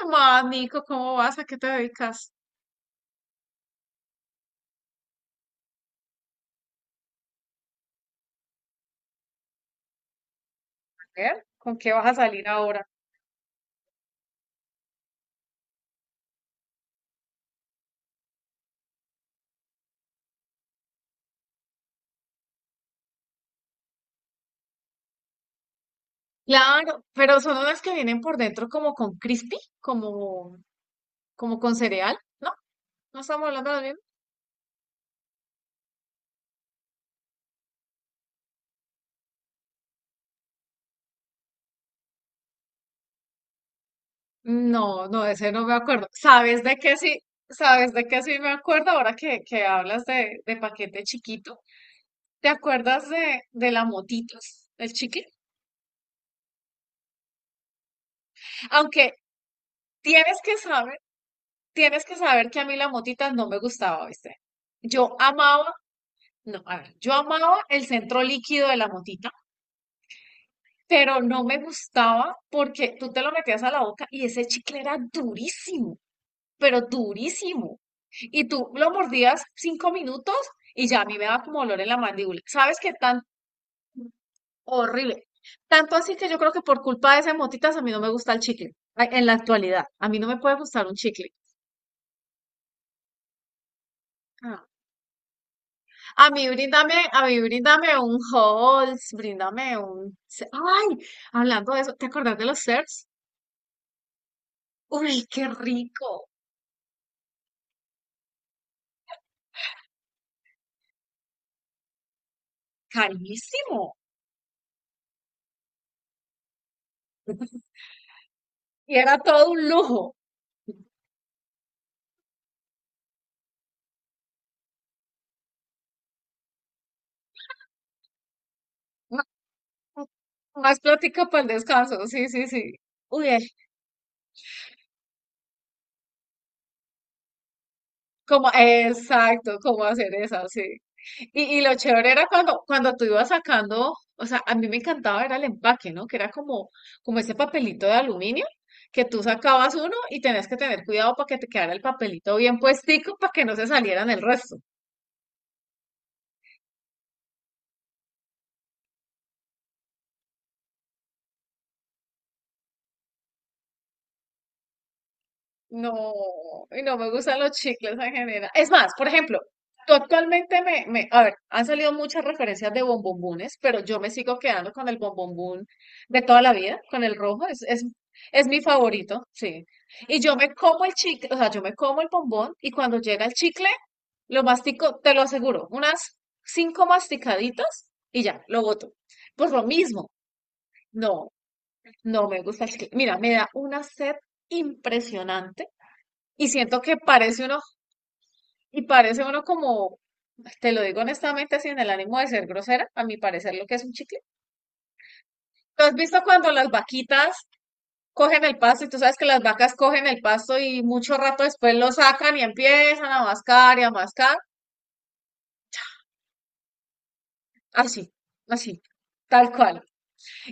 Mamá, Nico, ¿cómo vas? ¿A qué te dedicas? ¿Con qué vas a salir ahora? Claro, pero son unas que vienen por dentro como con crispy, como con cereal, ¿no? ¿No estamos hablando de lo mismo? No, no, de ese no me acuerdo. ¿Sabes de qué sí? ¿Sabes de qué sí me acuerdo ahora que hablas de paquete chiquito? ¿Te acuerdas de la motitos, del chicle? Aunque tienes que saber, tienes que saber que a mí la motita no me gustaba, ¿viste? Yo amaba No, a ver, yo amaba el centro líquido de la motita, pero no me gustaba porque tú te lo metías a la boca y ese chicle era durísimo, pero durísimo. Y tú lo mordías 5 minutos y ya a mí me daba como olor en la mandíbula. ¿Sabes qué tan horrible? Tanto así que yo creo que por culpa de esas motitas a mí no me gusta el chicle. Ay, en la actualidad, a mí no me puede gustar un chicle. Ah, a mí bríndame un Halls, bríndame un. Ay, hablando de eso, ¿te acordás de los CERS? Uy, qué rico, carísimo. Y era todo un lujo. Más plática para el descanso, sí, sí, sí. Uy, exacto, cómo hacer esa, sí. Y lo chévere era cuando tú ibas sacando, o sea, a mí me encantaba era el empaque, ¿no? Que era como ese papelito de aluminio, que tú sacabas uno y tenías que tener cuidado para que te quedara el papelito bien puestico para que no se salieran el resto. No, y no me gustan los chicles en general. Es más, por ejemplo, tú actualmente a ver, han salido muchas referencias de bombombones, pero yo me sigo quedando con el bombombón de toda la vida, con el rojo, es mi favorito, sí. Y yo me como el chicle, o sea, yo me como el bombón y cuando llega el chicle, lo mastico, te lo aseguro, unas 5 masticaditas y ya, lo boto. Por lo mismo, no, no me gusta el chicle. Mira, me da una sed impresionante y siento que parece uno como, te lo digo honestamente, sin el ánimo de ser grosera, a mi parecer lo que es un chicle. ¿Tú has visto cuando las vaquitas cogen el pasto y tú sabes que las vacas cogen el pasto y mucho rato después lo sacan y empiezan a mascar y a mascar? Así, así, tal cual.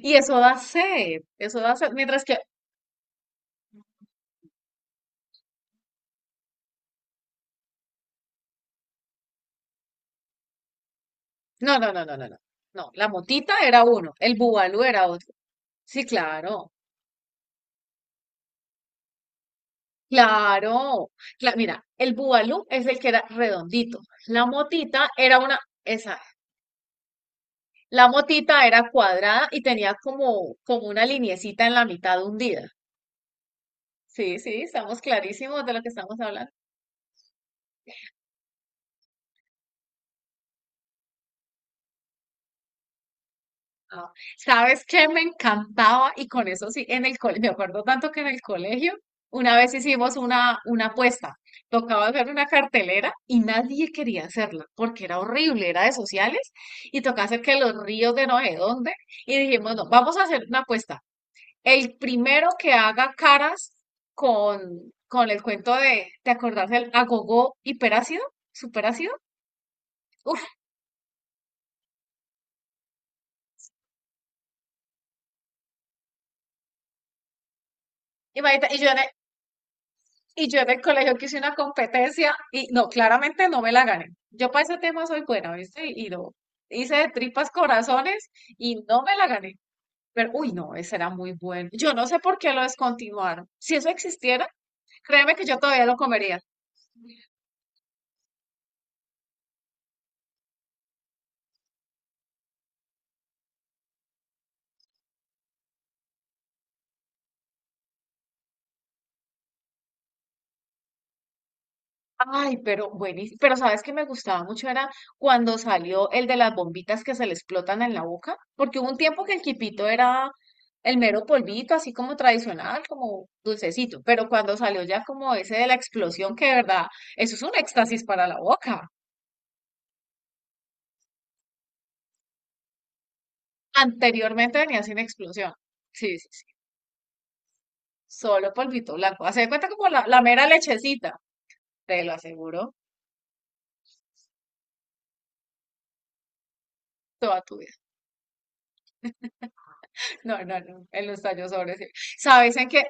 Y eso da sed, eso da sed. Mientras que, no, no, no, no, no, no. No, la motita era uno, el bubalú era otro. Sí, claro. Claro, mira, el bubalú es el que era redondito. La motita era una, esa, la motita era cuadrada y tenía como una liniecita en la mitad hundida. Sí, sí, estamos clarísimos de lo que estamos hablando. Ah, ¿sabes qué me encantaba? Y con eso sí, en el colegio, me acuerdo tanto que en el colegio una vez hicimos una apuesta. Tocaba hacer una cartelera y nadie quería hacerla porque era horrible, era de sociales y tocaba hacer que los ríos de no sé dónde. Y dijimos, no, vamos a hacer una apuesta. El primero que haga caras con el cuento de, ¿te acordás del agogó hiperácido? ¿Superácido? Uf, imagínate, y yo en el colegio que hice una competencia y no, claramente no me la gané. Yo para ese tema soy buena, ¿viste? Y no, hice de tripas corazones y no me la gané. Pero, uy, no, ese era muy bueno. Yo no sé por qué lo descontinuaron. Si eso existiera, créeme que yo todavía lo comería. Ay, pero buenísimo. Pero sabes que me gustaba mucho era cuando salió el de las bombitas que se le explotan en la boca, porque hubo un tiempo que el quipito era el mero polvito, así como tradicional, como dulcecito, pero cuando salió ya como ese de la explosión, que de verdad, eso es un éxtasis para la boca. Anteriormente venía sin explosión. Sí, sí, sí. Solo polvito blanco. Hace de cuenta como la mera lechecita, te lo aseguro, toda tu vida. No, no, no. El nostalgia sobre sí. ¿Sabes en qué?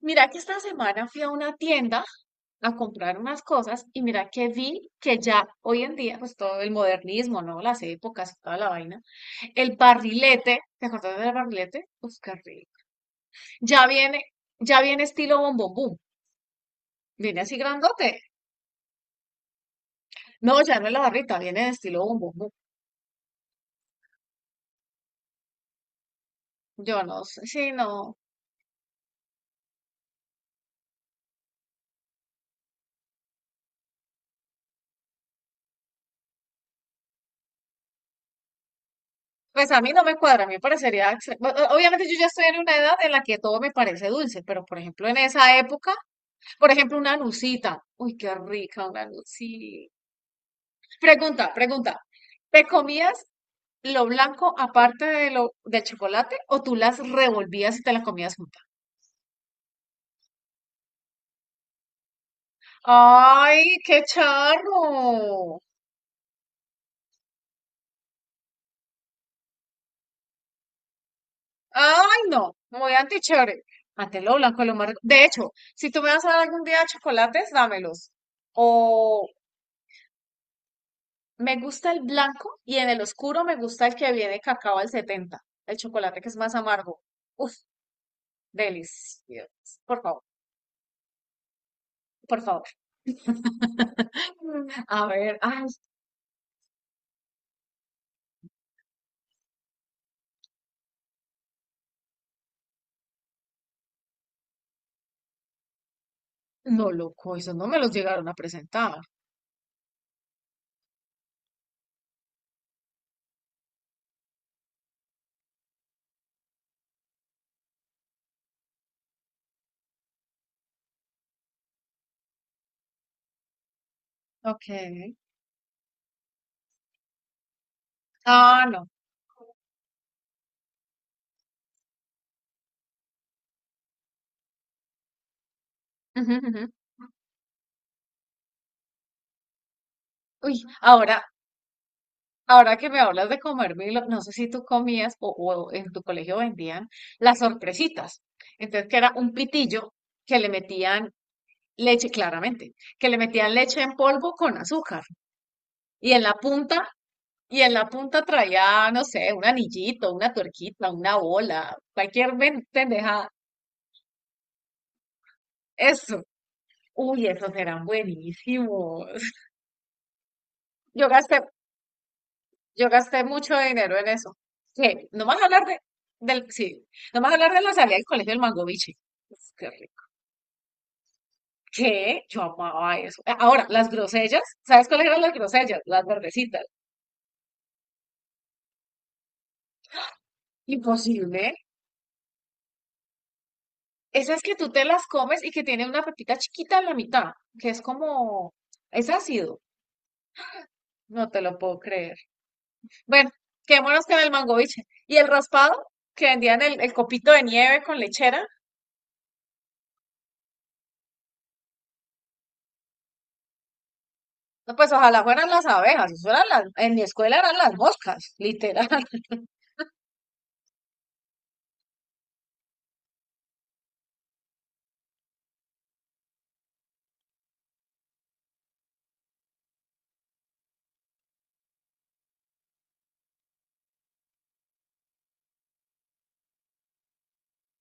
Mira que esta semana fui a una tienda a comprar unas cosas y mira que vi que ya hoy en día, pues todo el modernismo, ¿no? Las épocas y toda la vaina. El barrilete, ¿te acordás del barrilete? Uf, qué rico. Ya viene, ya viene estilo bombombum. Viene así grandote. No, ya no es la barrita, viene de estilo bombombum. Yo no sé, sí, no. Pues a mí no me cuadra, a mí me parecería... obviamente yo ya estoy en una edad en la que todo me parece dulce, pero por ejemplo en esa época. Por ejemplo, una nucita. Uy, qué rica una nucita. Pregunta, pregunta. ¿Te comías lo blanco aparte de lo del chocolate o tú las revolvías y te las comías juntas? ¡Ay, qué charro! ¡Ay, no! Muy antichévere. Antes lo blanco es lo más rico. De hecho, si tú me vas a dar algún día chocolates, dámelos. O me gusta el blanco y en el oscuro me gusta el que viene cacao al 70, el chocolate que es más amargo. Uf, deliciosos. Por favor, por favor. A ver, ay, no, loco, esos no me los llegaron a presentar. Ok. Ah, no. Ujú, ujú. Uy, ahora que me hablas de comer Milo, no sé si tú comías o en tu colegio vendían las sorpresitas. Entonces, que era un pitillo que le metían leche, claramente, que le metían leche en polvo con azúcar. Y en la punta, y en la punta traía, no sé, un anillito, una tuerquita, una bola, cualquier pendejada. Eso. Uy, esos eran buenísimos. Yo gasté, yo gasté mucho dinero en eso. ¿Qué? No vas a hablar de, del, Sí, no vas a hablar de la salida del colegio del Mango Biche. Uf, qué rico. ¿Qué? Yo amaba eso. Ahora, las grosellas, ¿sabes cuáles eran las grosellas? Las verdecitas. Imposible. Esas que tú te las comes y que tienen una pepita chiquita en la mitad, que es como, es ácido. No te lo puedo creer. Bueno, quedémonos con el mangoviche. Y el raspado, que vendían el copito de nieve con lechera. No, pues ojalá fueran las abejas, eso eran las, en mi escuela eran las moscas, literal.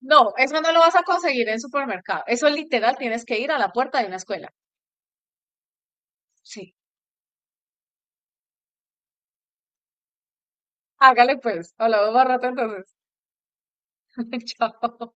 No, eso no lo vas a conseguir en supermercado. Eso literal tienes que ir a la puerta de una escuela. Sí. Hágale pues. Hablamos más rato entonces. Chao.